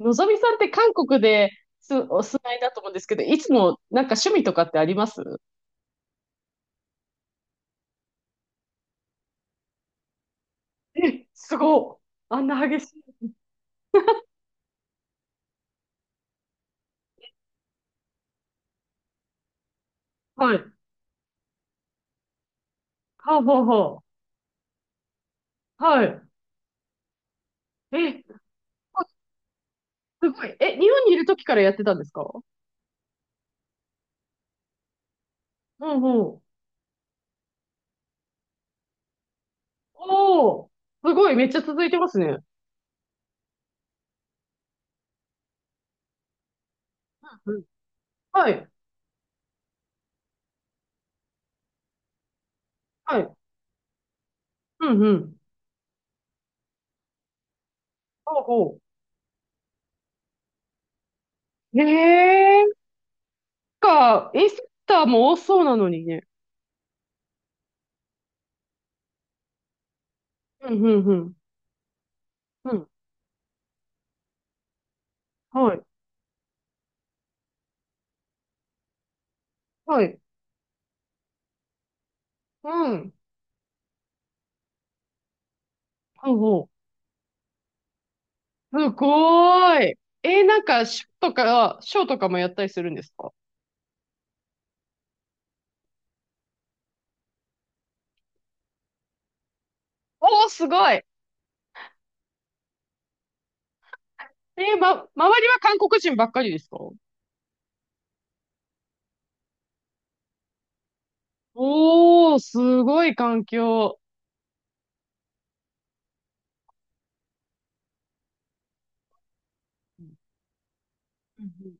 のぞみさんって韓国ですお住まいだと思うんですけど、いつもなんか趣味とかってあります？え、すごっ。あんな激しい。はい。はあ、はあ、はあ。はい。え、あすごい。え、日本にいる時からやってたんですか？うんうん。おー。すごい。めっちゃ続いてますね。うん。はい。はい。うんうん。ほうほう。なんか、インスタも多そうなのにね。うんうんうん。うん。はい。はい。うん。ほうほう。すごーい。なんか、ショーとかもやったりするんですか？おー、すごい。ま、周りは韓国人ばっかりですか？おー、すごい環境。うん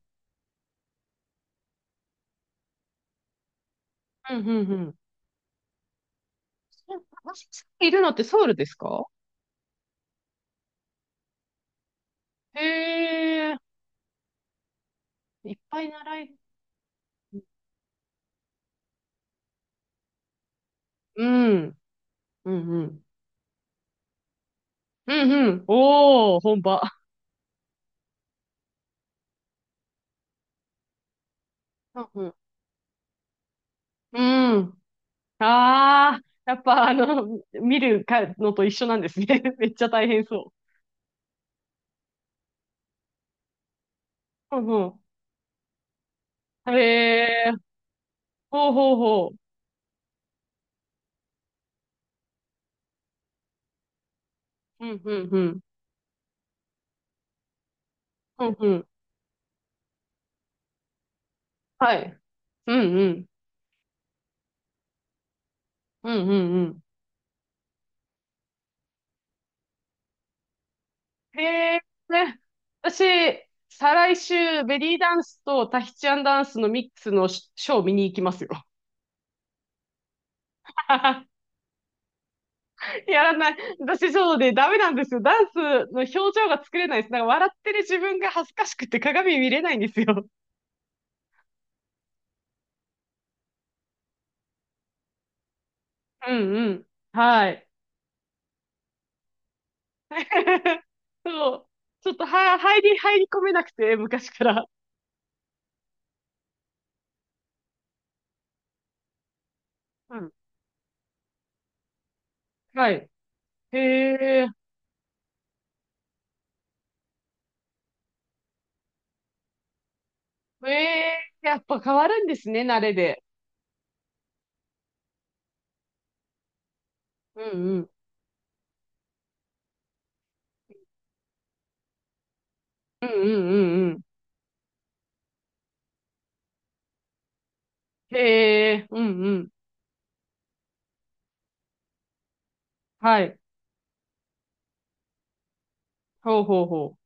うんうんうん。いるのってソウルですか？へえ、いっぱい習い。うん、うん、うん。うん、うん。おー、本場。うん、うん。うん。あー、やっぱ見るかのと一緒なんですね。めっちゃ大変そう。うん、うん。へえ、ほうほうほう。うん、うん、うん。うん、うん。はい。うん、うん。うん、うん、うん。へえ、ね。私、再来週、ベリーダンスとタヒチアンダンスのミックスのシショー見に行きますよ。やらない。私、そうで、ダメなんですよ。ダンスの表情が作れないです。なんか笑ってる自分が恥ずかしくて鏡見れないんですよ。うんうん。はい。そう。ちょっとは、入り込めなくて、昔から。うん。はい。へえ、ええ、やっぱ変わるんですね、慣れで。うんうん。うんうんうんうん。へえ、うんうん。はい。ほうほうほ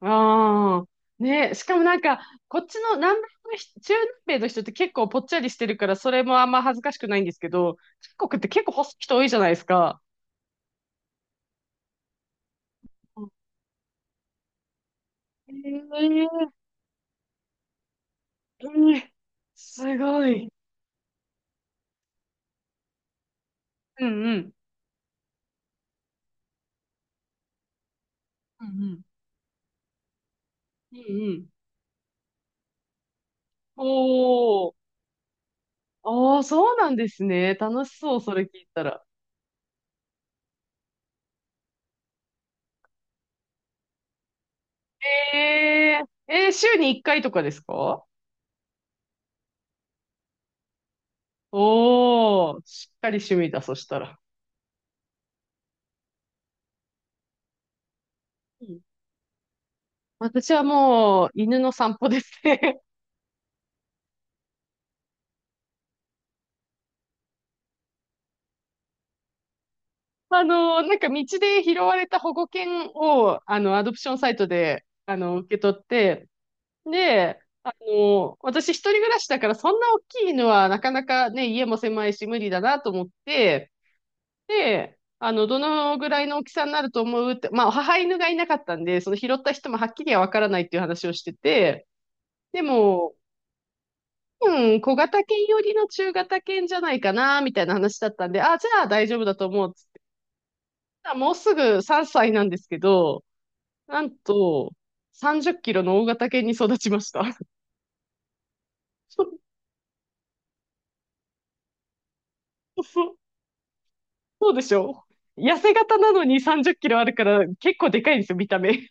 う。ああ。ねえ、しかもなんか、こっちの南米の人、中南米の人って結構ぽっちゃりしてるから、それもあんま恥ずかしくないんですけど、韓国って結構細い人多いじゃないですか。へえ、うん。すごい。うんうん。うんうん。うんうん。おー。ああ、そうなんですね。楽しそう、それ聞いたら。え週に1回とかですか？おー、しっかり趣味だ、そしたら。うん。私はもう、犬の散歩ですね。なんか道で拾われた保護犬を、アドプションサイトで、受け取って、で、私一人暮らしだから、そんな大きい犬はなかなかね、家も狭いし無理だなと思って、で、どのぐらいの大きさになると思うって、まあ、母犬がいなかったんで、その拾った人もはっきりはわからないっていう話をしてて、でも、うん、小型犬寄りの中型犬じゃないかな、みたいな話だったんで、あ、じゃあ大丈夫だと思う、つって。ただもうすぐ3歳なんですけど、なんと、30キロの大型犬に育ちました。そうそうそう。そうでしょ？痩せ型なのに30キロあるから結構でかいんですよ、見た目。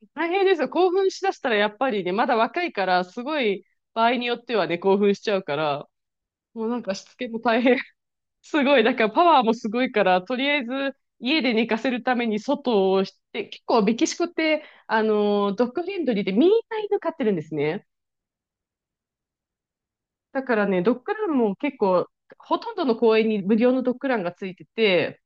大変ですよ。興奮しだしたらやっぱりね、まだ若いから、すごい。場合によってはね、興奮しちゃうから、もうなんかしつけも大変。すごい。だからパワーもすごいから、とりあえず家で寝かせるために外をして、結構メキシコって、ドッグフレンドリーでみんな犬飼ってるんですね。だからね、ドッグランも結構、ほとんどの公園に無料のドッグランがついてて、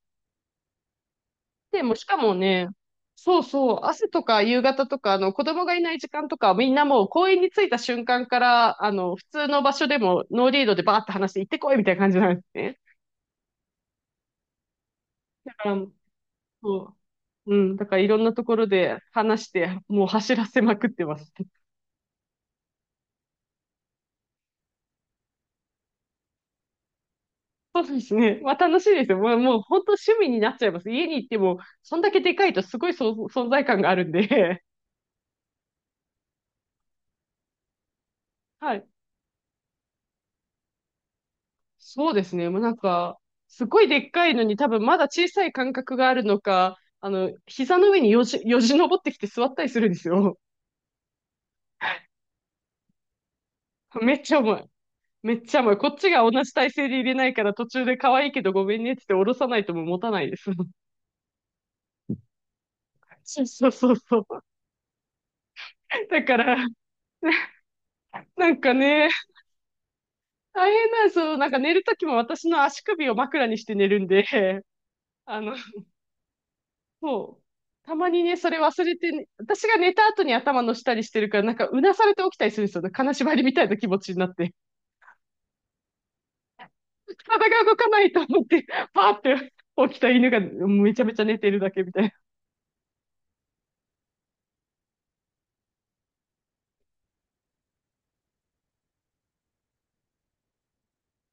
で、もうしかもね、そうそう、朝とか夕方とか、子供がいない時間とかみんなもう公園に着いた瞬間から、普通の場所でもノーリードでバーって話して行ってこいみたいな感じなんですね。そう。うん。だからいろんなところで話して、もう走らせまくってます。そうですね。まあ楽しいですよ。もう本当趣味になっちゃいます。家に行っても、そんだけでかいとすごい存存在感があるんで。はい。そうですね。もうなんか、すごいでっかいのに多分まだ小さい感覚があるのか、膝の上によじ登ってきて座ったりするんですよ。めっちゃ重い。めっちゃ重い。こっちが同じ体勢で入れないから途中で可愛いけどごめんねって言って下ろさないともう持たないです。そうそうそう。だから、なんかね、大変なんですよ。なんか寝るときも私の足首を枕にして寝るんで、あの、そう。たまにね、それ忘れて、ね、私が寝た後に頭の下にしてるから、なんかうなされて起きたりするんですよね。金縛りみたいな気持ちになって。体が動かないと思って、パーって起きた犬がめちゃめちゃ寝てるだけみたいな。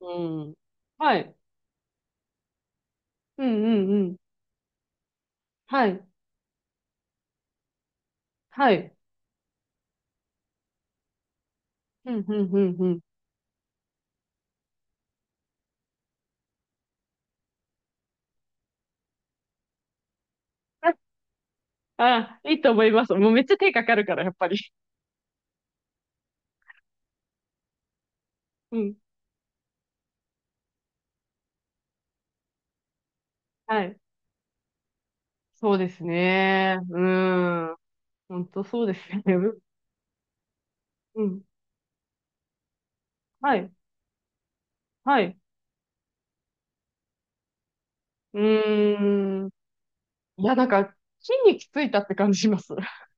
うん。はい。うんうんうん。はい。はい。うんうんうんうん。あ、あ、いいと思います。もうめっちゃ手かかるから、やっぱり。うん。はい。そうですね。うん。本当そうですよね。うん。はい。はい。うーん。いや、なんか、筋肉ついたって感じします。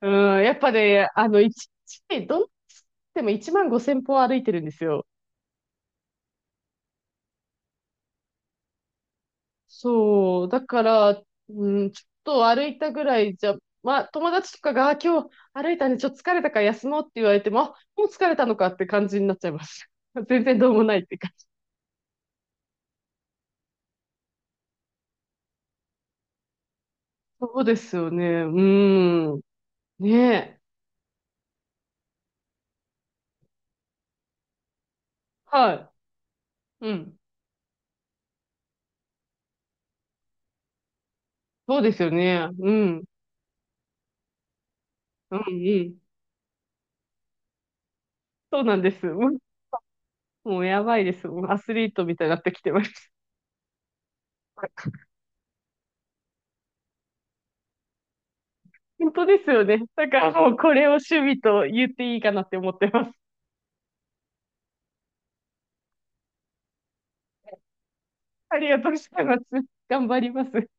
うん。やっぱね、一日、どんなつっても1万5千歩歩いてるんですよ。そう。だから、うん、ちょっと歩いたぐらいじゃ、まあ、友達とかが、あ今日歩いたね、ちょっと疲れたから休もうって言われても、あもう疲れたのかって感じになっちゃいます。全然どうもないって感じ。そうですよね。うん。ねえ。はい。うん。そうですよね。うん。うん、うん。そうなんです。もうやばいです。もうアスリートみたいになってきてます。本当ですよね。だからもうこれを趣味と言っていいかなって思ってます。ありがとうございます。頑張ります。